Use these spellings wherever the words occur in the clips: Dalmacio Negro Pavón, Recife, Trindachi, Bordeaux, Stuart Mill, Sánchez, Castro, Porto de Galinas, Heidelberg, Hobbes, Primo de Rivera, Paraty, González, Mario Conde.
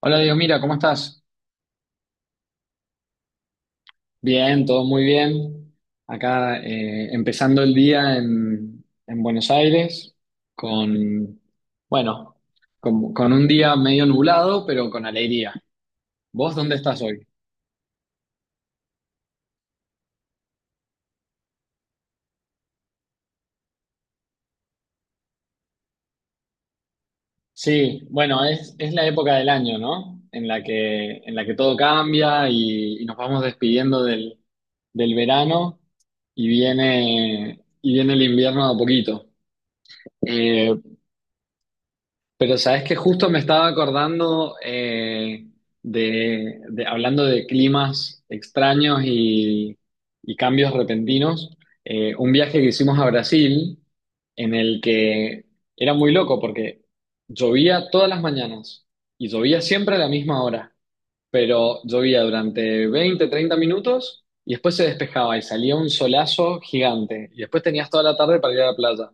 Hola Dios, mira, ¿cómo estás? Bien, todo muy bien. Acá empezando el día en Buenos Aires con, bueno, con un día medio nublado, pero con alegría. ¿Vos dónde estás hoy? Sí, bueno, es la época del año, ¿no? En la que todo cambia y nos vamos despidiendo del verano y viene el invierno de a poquito. Eh, Pero sabes que justo me estaba acordando, hablando de climas extraños y cambios repentinos, un viaje que hicimos a Brasil en el que era muy loco porque llovía todas las mañanas y llovía siempre a la misma hora, pero llovía durante 20, 30 minutos y después se despejaba y salía un solazo gigante y después tenías toda la tarde para ir a la playa.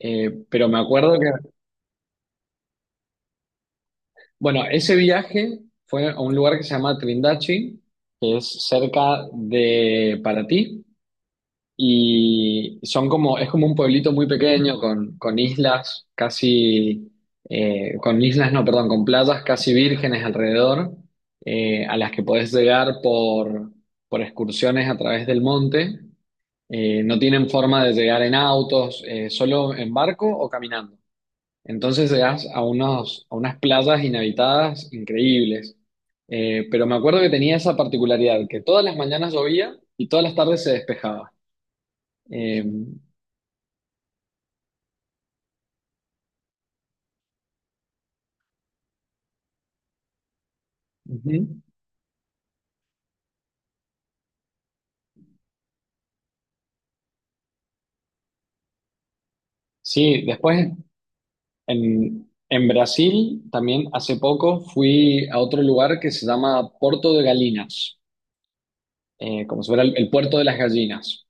Pero me acuerdo que Bueno, ese viaje fue a un lugar que se llama Trindachi, que es cerca de Paraty, y son es como un pueblito muy pequeño con, islas casi, con islas, no, perdón, con playas casi vírgenes alrededor, a las que podés llegar por excursiones a través del monte. No tienen forma de llegar en autos, solo en barco o caminando. Entonces llegas a a unas playas inhabitadas increíbles. Pero me acuerdo que tenía esa particularidad, que todas las mañanas llovía y todas las tardes se despejaba. Eh, ujú. Sí, después en Brasil también hace poco fui a otro lugar que se llama Porto de Galinas, como si fuera el puerto de las gallinas.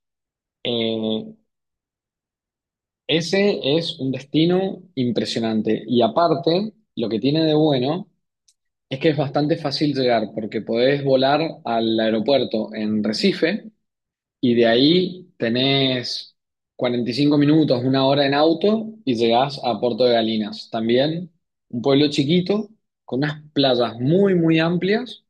Eh, ese es un destino impresionante y aparte, lo que tiene de bueno es que es bastante fácil llegar porque podés volar al aeropuerto en Recife y de ahí tenés 45 minutos, una hora en auto y llegás a Puerto de Galinas. También un pueblo chiquito con unas playas muy, muy amplias.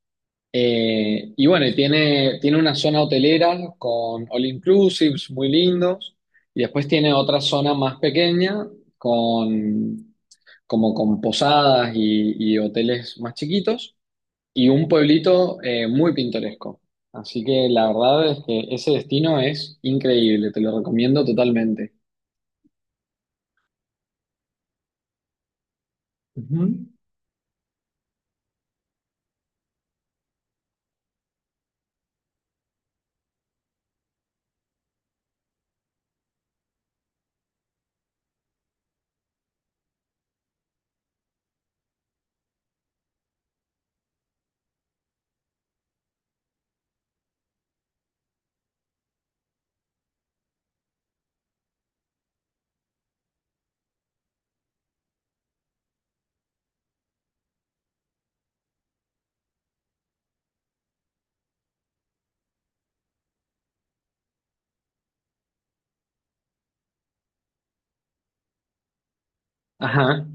Y bueno, y tiene una zona hotelera con all inclusives muy lindos. Y después tiene otra zona más pequeña con, como con posadas y hoteles más chiquitos y un pueblito muy pintoresco. Así que la verdad es que ese destino es increíble, te lo recomiendo totalmente. Ujú. Ajá,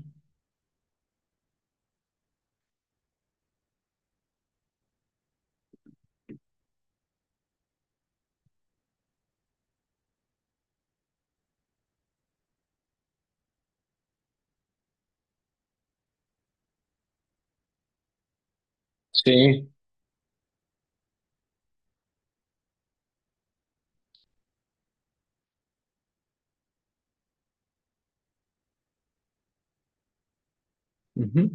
sí. Ujú.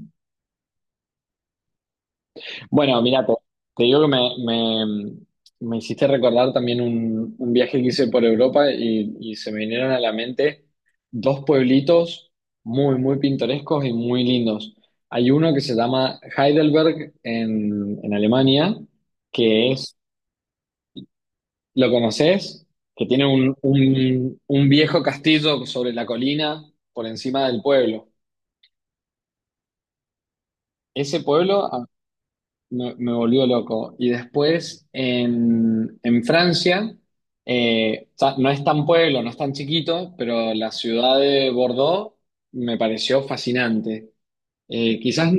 Bueno, mira, te digo que me, me hiciste recordar también un viaje que hice por Europa y se me vinieron a la mente dos pueblitos muy, muy pintorescos y muy lindos. Hay uno que se llama Heidelberg en Alemania, que es... ¿Lo conoces? Que tiene un viejo castillo sobre la colina por encima del pueblo. Ese pueblo, me volvió loco. Y después en Francia, no es tan pueblo, no es tan chiquito, pero la ciudad de Bordeaux me pareció fascinante. Eh, quizás,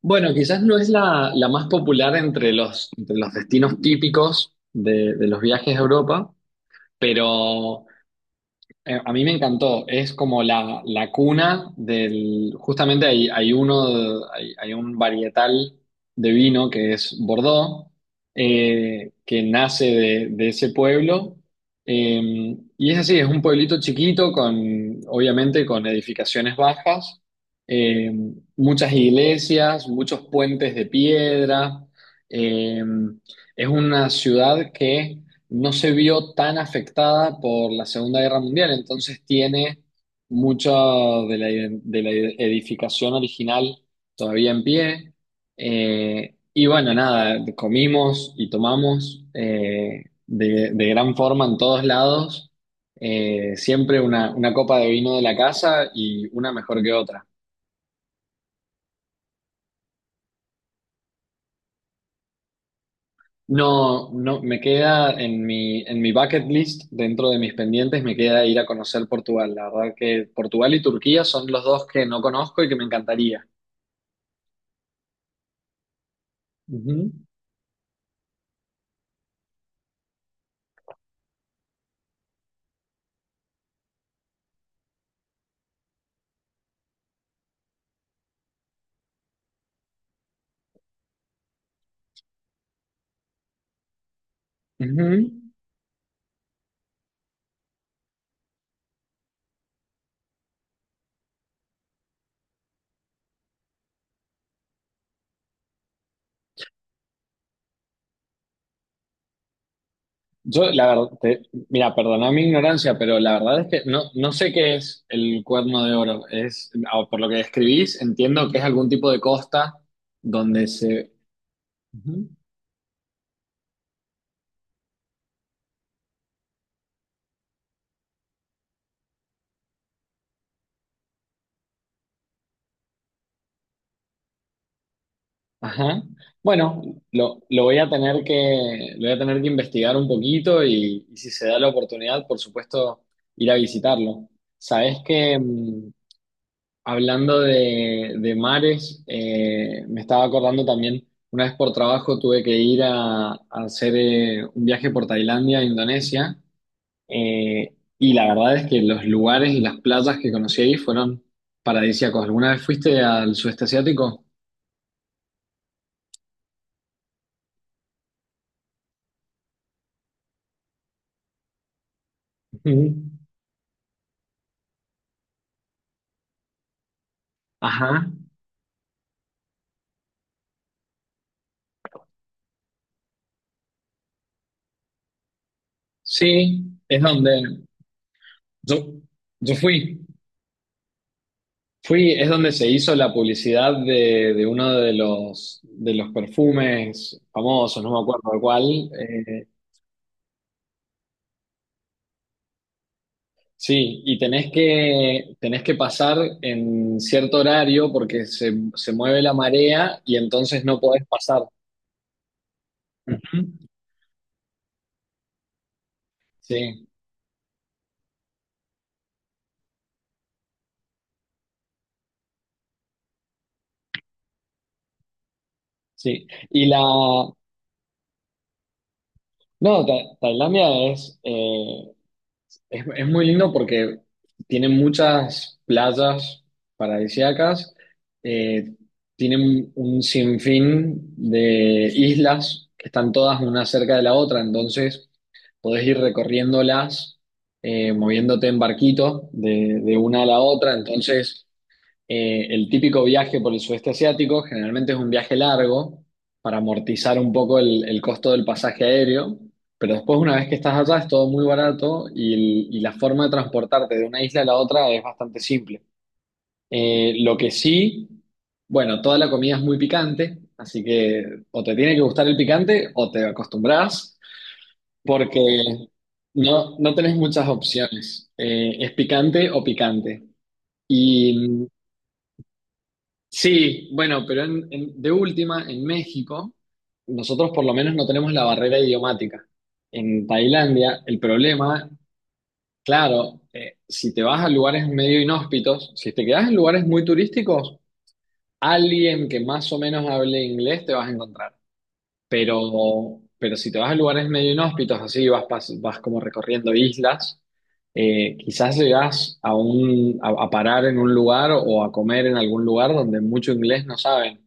bueno, quizás no es la más popular entre entre los destinos típicos de los viajes a Europa. Pero a mí me encantó, es como la cuna del, justamente hay, un varietal de vino que es Bordeaux, que nace de ese pueblo. Y es así, es un pueblito chiquito obviamente, con edificaciones bajas, eh, muchas iglesias, muchos puentes de piedra. Eh, es una ciudad que no se vio tan afectada por la Segunda Guerra Mundial, entonces tiene mucha de la edificación original todavía en pie. Y bueno, nada, comimos y tomamos, de gran forma en todos lados. Siempre una copa de vino de la casa y una mejor que otra. No, no, me queda en mi, bucket list, dentro de mis pendientes, me queda ir a conocer Portugal. La verdad que Portugal y Turquía son los dos que no conozco y que me encantaría. Ujú, ujú. Yo, la verdad, mira, perdona mi ignorancia, pero la verdad es que no sé qué es el Cuerno de Oro. Ah, por lo que describís, entiendo que es algún tipo de costa donde se... Ajá. Bueno, lo voy a tener que investigar un poquito y si se da la oportunidad, por supuesto, ir a visitarlo. Sabes que hablando de mares, me estaba acordando también, una vez por trabajo tuve que ir a hacer, un viaje por Tailandia e Indonesia, y la verdad es que los lugares y las playas que conocí ahí fueron paradisíacos. ¿Alguna vez fuiste al sudeste asiático? Ujú. Ajá. Sí, es donde yo, yo fui. Fui, es donde se hizo la publicidad de uno de los, perfumes famosos, no me acuerdo de cuál. Sí, y tenés que pasar en cierto horario porque se mueve la marea y entonces no podés pasar. Ujú. Sí, sí. Y la... No. Tailandia es muy lindo porque tiene muchas playas paradisíacas. eh, tiene un sinfín de islas que están todas una cerca de la otra, entonces podés ir recorriéndolas, moviéndote en barquito de una a la otra. Entonces, el típico viaje por el sudeste asiático generalmente es un viaje largo para amortizar un poco el costo del pasaje aéreo, pero después una vez que estás allá es todo muy barato, y la forma de transportarte de una isla a la otra es bastante simple. Lo que sí, bueno, toda la comida es muy picante, así que o te tiene que gustar el picante o te acostumbras, porque no tenés muchas opciones. Es picante o picante. Y Sí, bueno, pero de última, en México, nosotros por lo menos no tenemos la barrera idiomática. En Tailandia, el problema, claro, si te vas a lugares medio inhóspitos, si te quedas en lugares muy turísticos, alguien que más o menos hable inglés te vas a encontrar. Pero, si te vas a lugares medio inhóspitos, así vas, vas como recorriendo islas, quizás llegás a parar en un lugar o a comer en algún lugar donde mucho inglés no saben.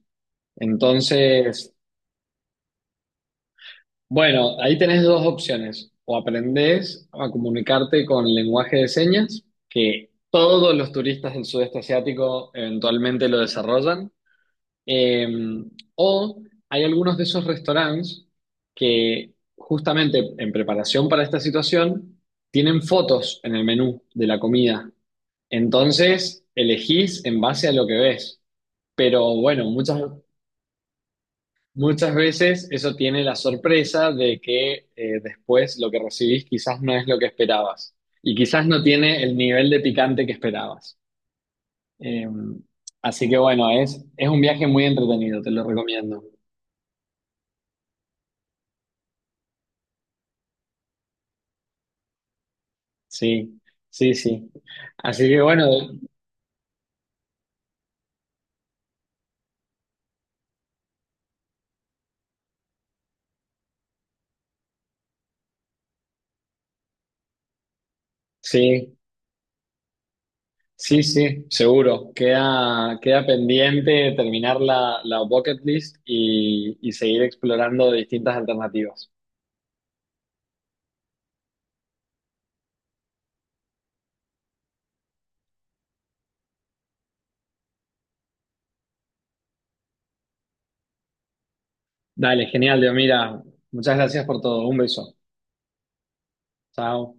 Entonces, bueno, ahí tenés dos opciones. O aprendés a comunicarte con lenguaje de señas, que todos los turistas del sudeste asiático eventualmente lo desarrollan. Eh, o hay algunos de esos restaurantes que justamente en preparación para esta situación tienen fotos en el menú de la comida. Entonces, elegís en base a lo que ves. Pero bueno, muchas veces eso tiene la sorpresa de que, después lo que recibís quizás no es lo que esperabas y quizás no tiene el nivel de picante que esperabas. Eh, así que bueno, es un viaje muy entretenido, te lo recomiendo. Sí, sí, sí. Así que bueno, sí, sí, sí, seguro. Queda pendiente terminar la bucket list y seguir explorando distintas alternativas. Dale, genial, Dios, mira, muchas gracias por todo. Un beso. Chao.